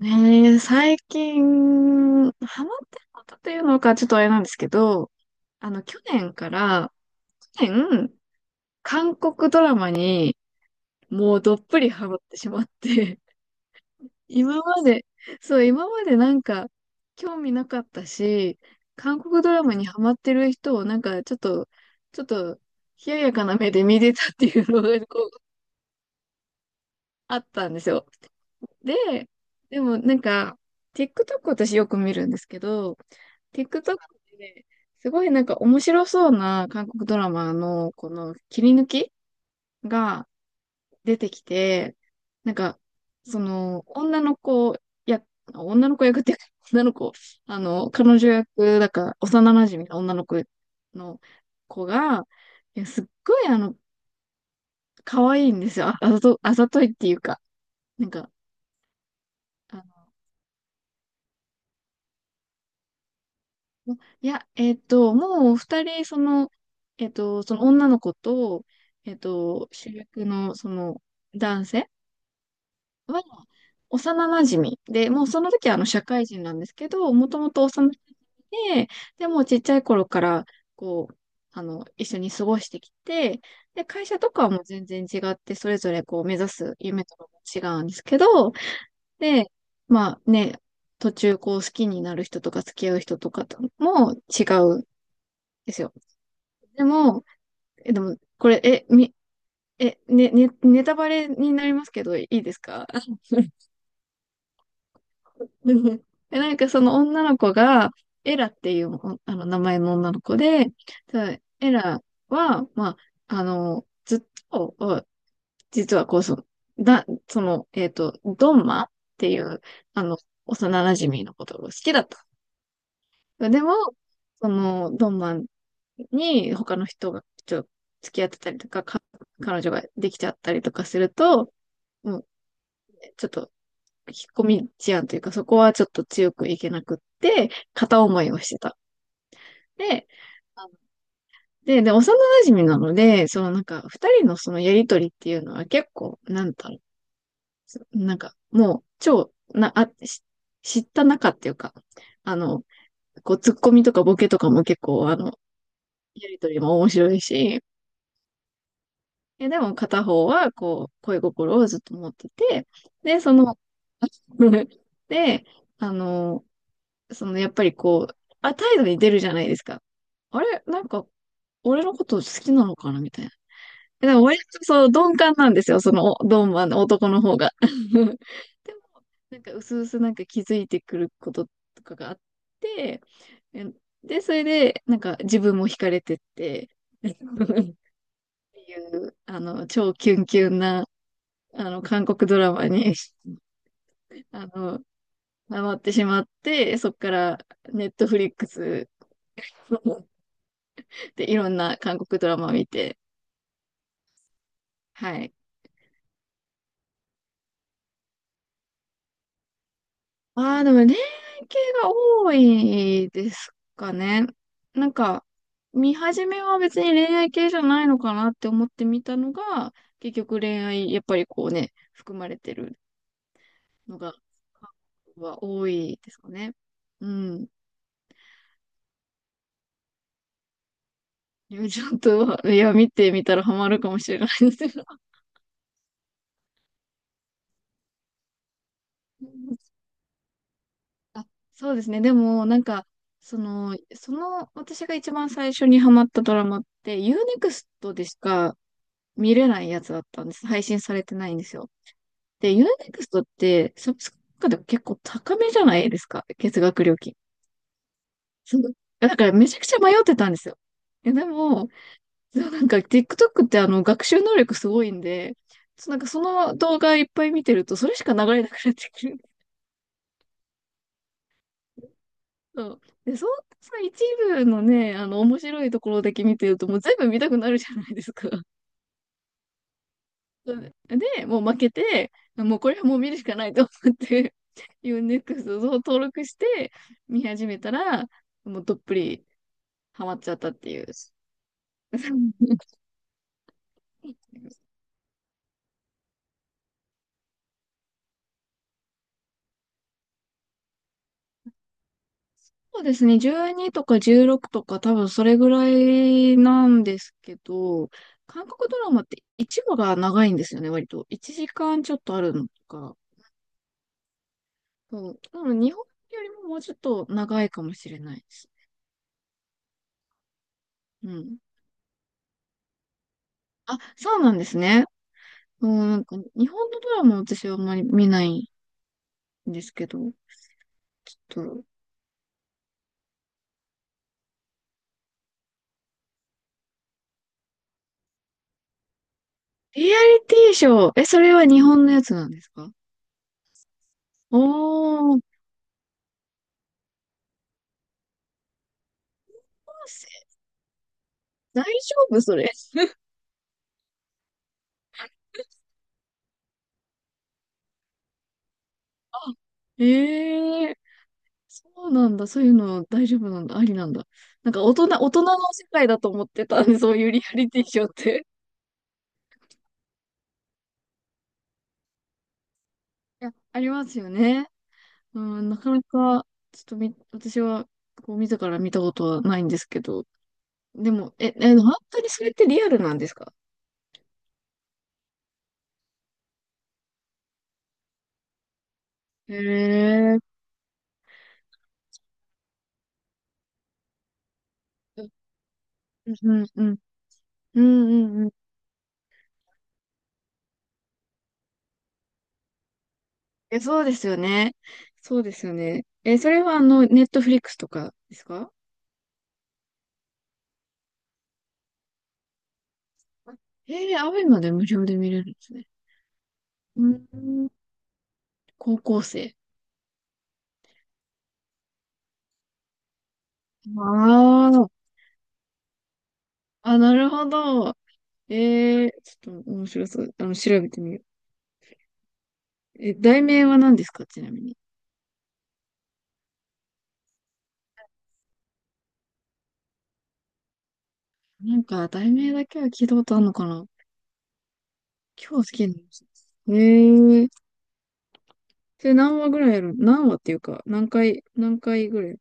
ねえ最近、ハマってることというのかちょっとあれなんですけど、あの、去年から、去年、韓国ドラマにもうどっぷりハマってしまって、今まで、そう、今までなんか、興味なかったし、韓国ドラマにハマってる人をなんか、ちょっと、冷ややかな目で見てたっていうのが、こう、あったんですよ。で、でもなんか、TikTok 私よく見るんですけど、TikTok ですごいなんか面白そうな韓国ドラマのこの切り抜きが出てきて、なんか、その女の子や、女の子役っていうか、女の子、彼女役、だから幼馴染の女の子の子が、いやすっごい可愛いんですよ。あ、あざと、あざといっていうか、なんか、いや、もう二人、その、その女の子と、主役のその男性は幼馴染で、もうその時はあの社会人なんですけど、もともと幼馴染で、でもうちっちゃい頃から、こう、一緒に過ごしてきて、で、会社とかはもう全然違って、それぞれこう目指す夢とかも違うんですけど、で、まあね、途中こう好きになる人とか付き合う人とかとも違うですよ。でも、これ、え、み、え、ネタバレになりますけど、いいですか？ でなんかその女の子が、エラっていうあの名前の女の子で、ただエラは、まあ、ずっと、実はこう、その、だ、その、えっと、ドンマっていう、あの、幼馴染のことが好きだった。でも、その、ドンマンに他の人がちょっと付き合ってたりとか、彼女ができちゃったりとかすると、もう、ちょっと、引っ込み思案というか、そこはちょっと強くいけなくって、片思いをしてた。で、あので、幼馴染なので、そのなんか、二人のそのやりとりっていうのは結構、なんだろう、なんか、もう、超、な、あ、し知った仲っていうか、あの、こう、ツッコミとかボケとかも結構、やりとりも面白いし、でも片方は、こう、恋心をずっと持ってて、で、その、で、あの、やっぱりこう、態度に出るじゃないですか。あれ、なんか、俺のこと好きなのかなみたいな。でも、割とそう、鈍感なんですよ、その、鈍マンの男の方が。でも、なんか、うすうすなんか気づいてくることとかがあって、えで、それで、なんか、自分も惹かれてって、っていう、超キュンキュンな、韓国ドラマに あの、ハマってしまって、そっから、ネットフリックスで、いろんな韓国ドラマ見て、はい。ああ、でも恋愛系が多いですかね。なんか、見始めは別に恋愛系じゃないのかなって思ってみたのが、結局恋愛、やっぱりこうね、含まれてるのが、韓国は多いですかね。うん。いやちょっと、いや、見てみたらハマるかもしれないです。あ、そうですね。でも、なんか、その、私が一番最初にハマったドラマって、ユーネクストでしか見れないやつだったんです。配信されてないんですよ。で、ユーネクストって、サブスクでも結構高めじゃないですか。月額料金。そう。だからめちゃくちゃ迷ってたんですよ。いや、でも、そうなんか TikTok って学習能力すごいんで、そうなんかその動画いっぱい見てると、それしか流れなくなってくる。そう。で、そんなさ、一部のね、面白いところだけ見てると、もう全部見たくなるじゃないですか。そうで、もう負けて、もうこれはもう見るしかないと思って、U-NEXT を登録して見始めたら、もうどっぷりハマっちゃったっていう。そうですね、12とか16とか多分それぐらいなんですけど、韓国ドラマって1話が長いんですよね、割と。1時間ちょっとあるのとか。そう。多分日本よりももうちょっと長いかもしれないです。うん。あ、そうなんですね。うん、なんか日本のドラマ私はあんまり見ないんですけど、ちょっと、リアリティショー、それは日本のやつなんですか？おー、大丈夫それ。あ、ええ、そうなんだ。そういうの大丈夫なんだ。ありなんだ。なんか大人の世界だと思ってたんで、そういうリアリティショーって。いや、ありますよね。うん、なかなか、ちょっと、私は、こう、自ら見たことはないんですけど、でも、本当にそれってリアルなんですか？へえ、うん、うん、うん、うん、うんうん。そうですよね。そうですよね。それは、ネットフリックスとかですか？アベマで無料で見れるんですね。うん、高校生。ああ、なるほど。ちょっと面白そう。調べてみよう。題名は何ですか、ちなみに？なんか、題名だけは聞いたことあるのかな、今日好きなの。へえ。で、何話ぐらいやる何話っていうか、何回ぐらい。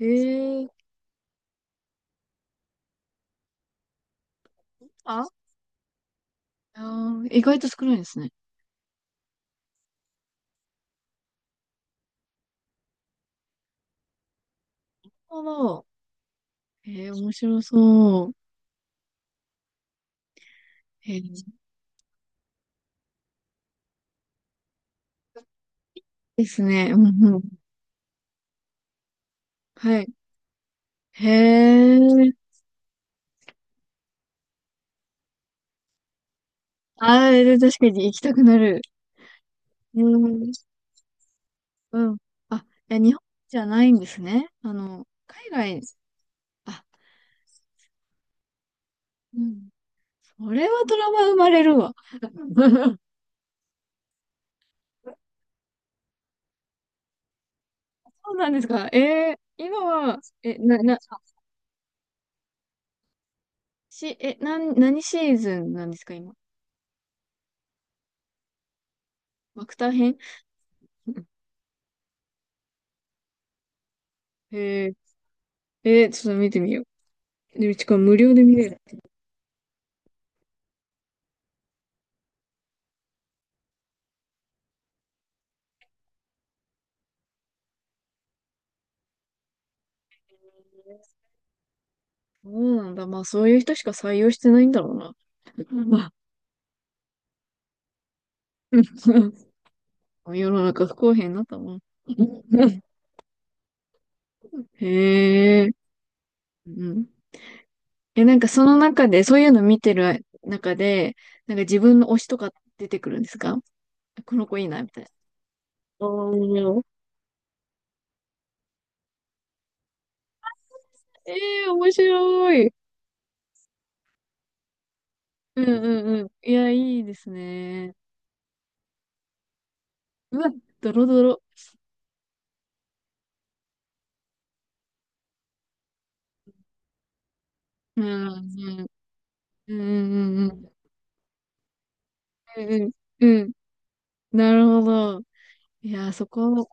へえ。ああー、意外と少ないですね。なるほど。へえ、面白そう。へえ、ですね。うんうん。はい。へえ。あー、確かに行きたくなる。うん。うん。あ、いや、日本じゃないんですね。海外、あ、うん。それはトラウマ生まれるわ。そうなんですか。今は、え、な、な、し、え、なん、何シーズンなんですか、今？マクター編へ ちょっと見てみよう。で、しかも無料で見れる。そうなんだ。まあ、そういう人しか採用してないんだろうな。まあ、世の中不公平になったもん。へえ、うん。なんかその中で、そういうの見てる中で、なんか自分の推しとか出てくるんですか？この子いいな、みたいな。おーえー、面白い。うんうんうん。いや、いいですね。うわ、ドロドロ。うん、うん、うん、うん、うん、うん、うん。なるほど。いや、そこ、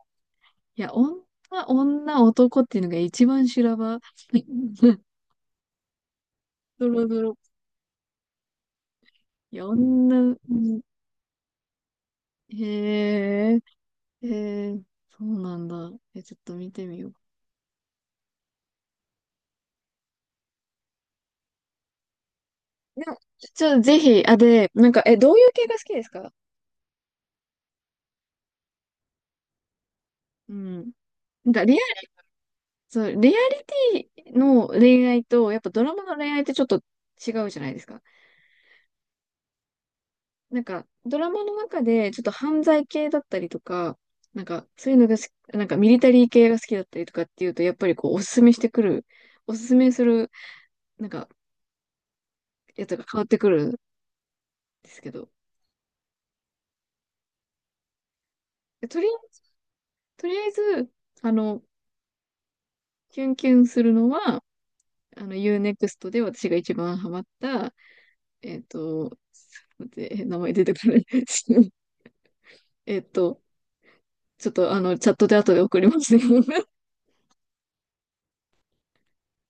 いや、女、女、男っていうのが一番修羅場。ドロドロ。いや、女、うん、へえ、へえ、そうなんだ。ちょっと見てみよう。でも、ちょっとぜひ、あ、で、なんか、どういう系が好きですか？うん。なんか、リアそう、レアリティの恋愛と、やっぱドラマの恋愛ってちょっと違うじゃないですか。なんか、ドラマの中でちょっと犯罪系だったりとか、なんか、そういうのが好き、なんかミリタリー系が好きだったりとかっていうと、やっぱりこう、おすすめする、なんか、やつが変わってくるんですけど、とり、とりあえず、あの、キュンキュンするのは、U-NEXT で私が一番ハマった、えっと、待って、名前出てこない。えっと、ちょっとチャットで後で送りますね。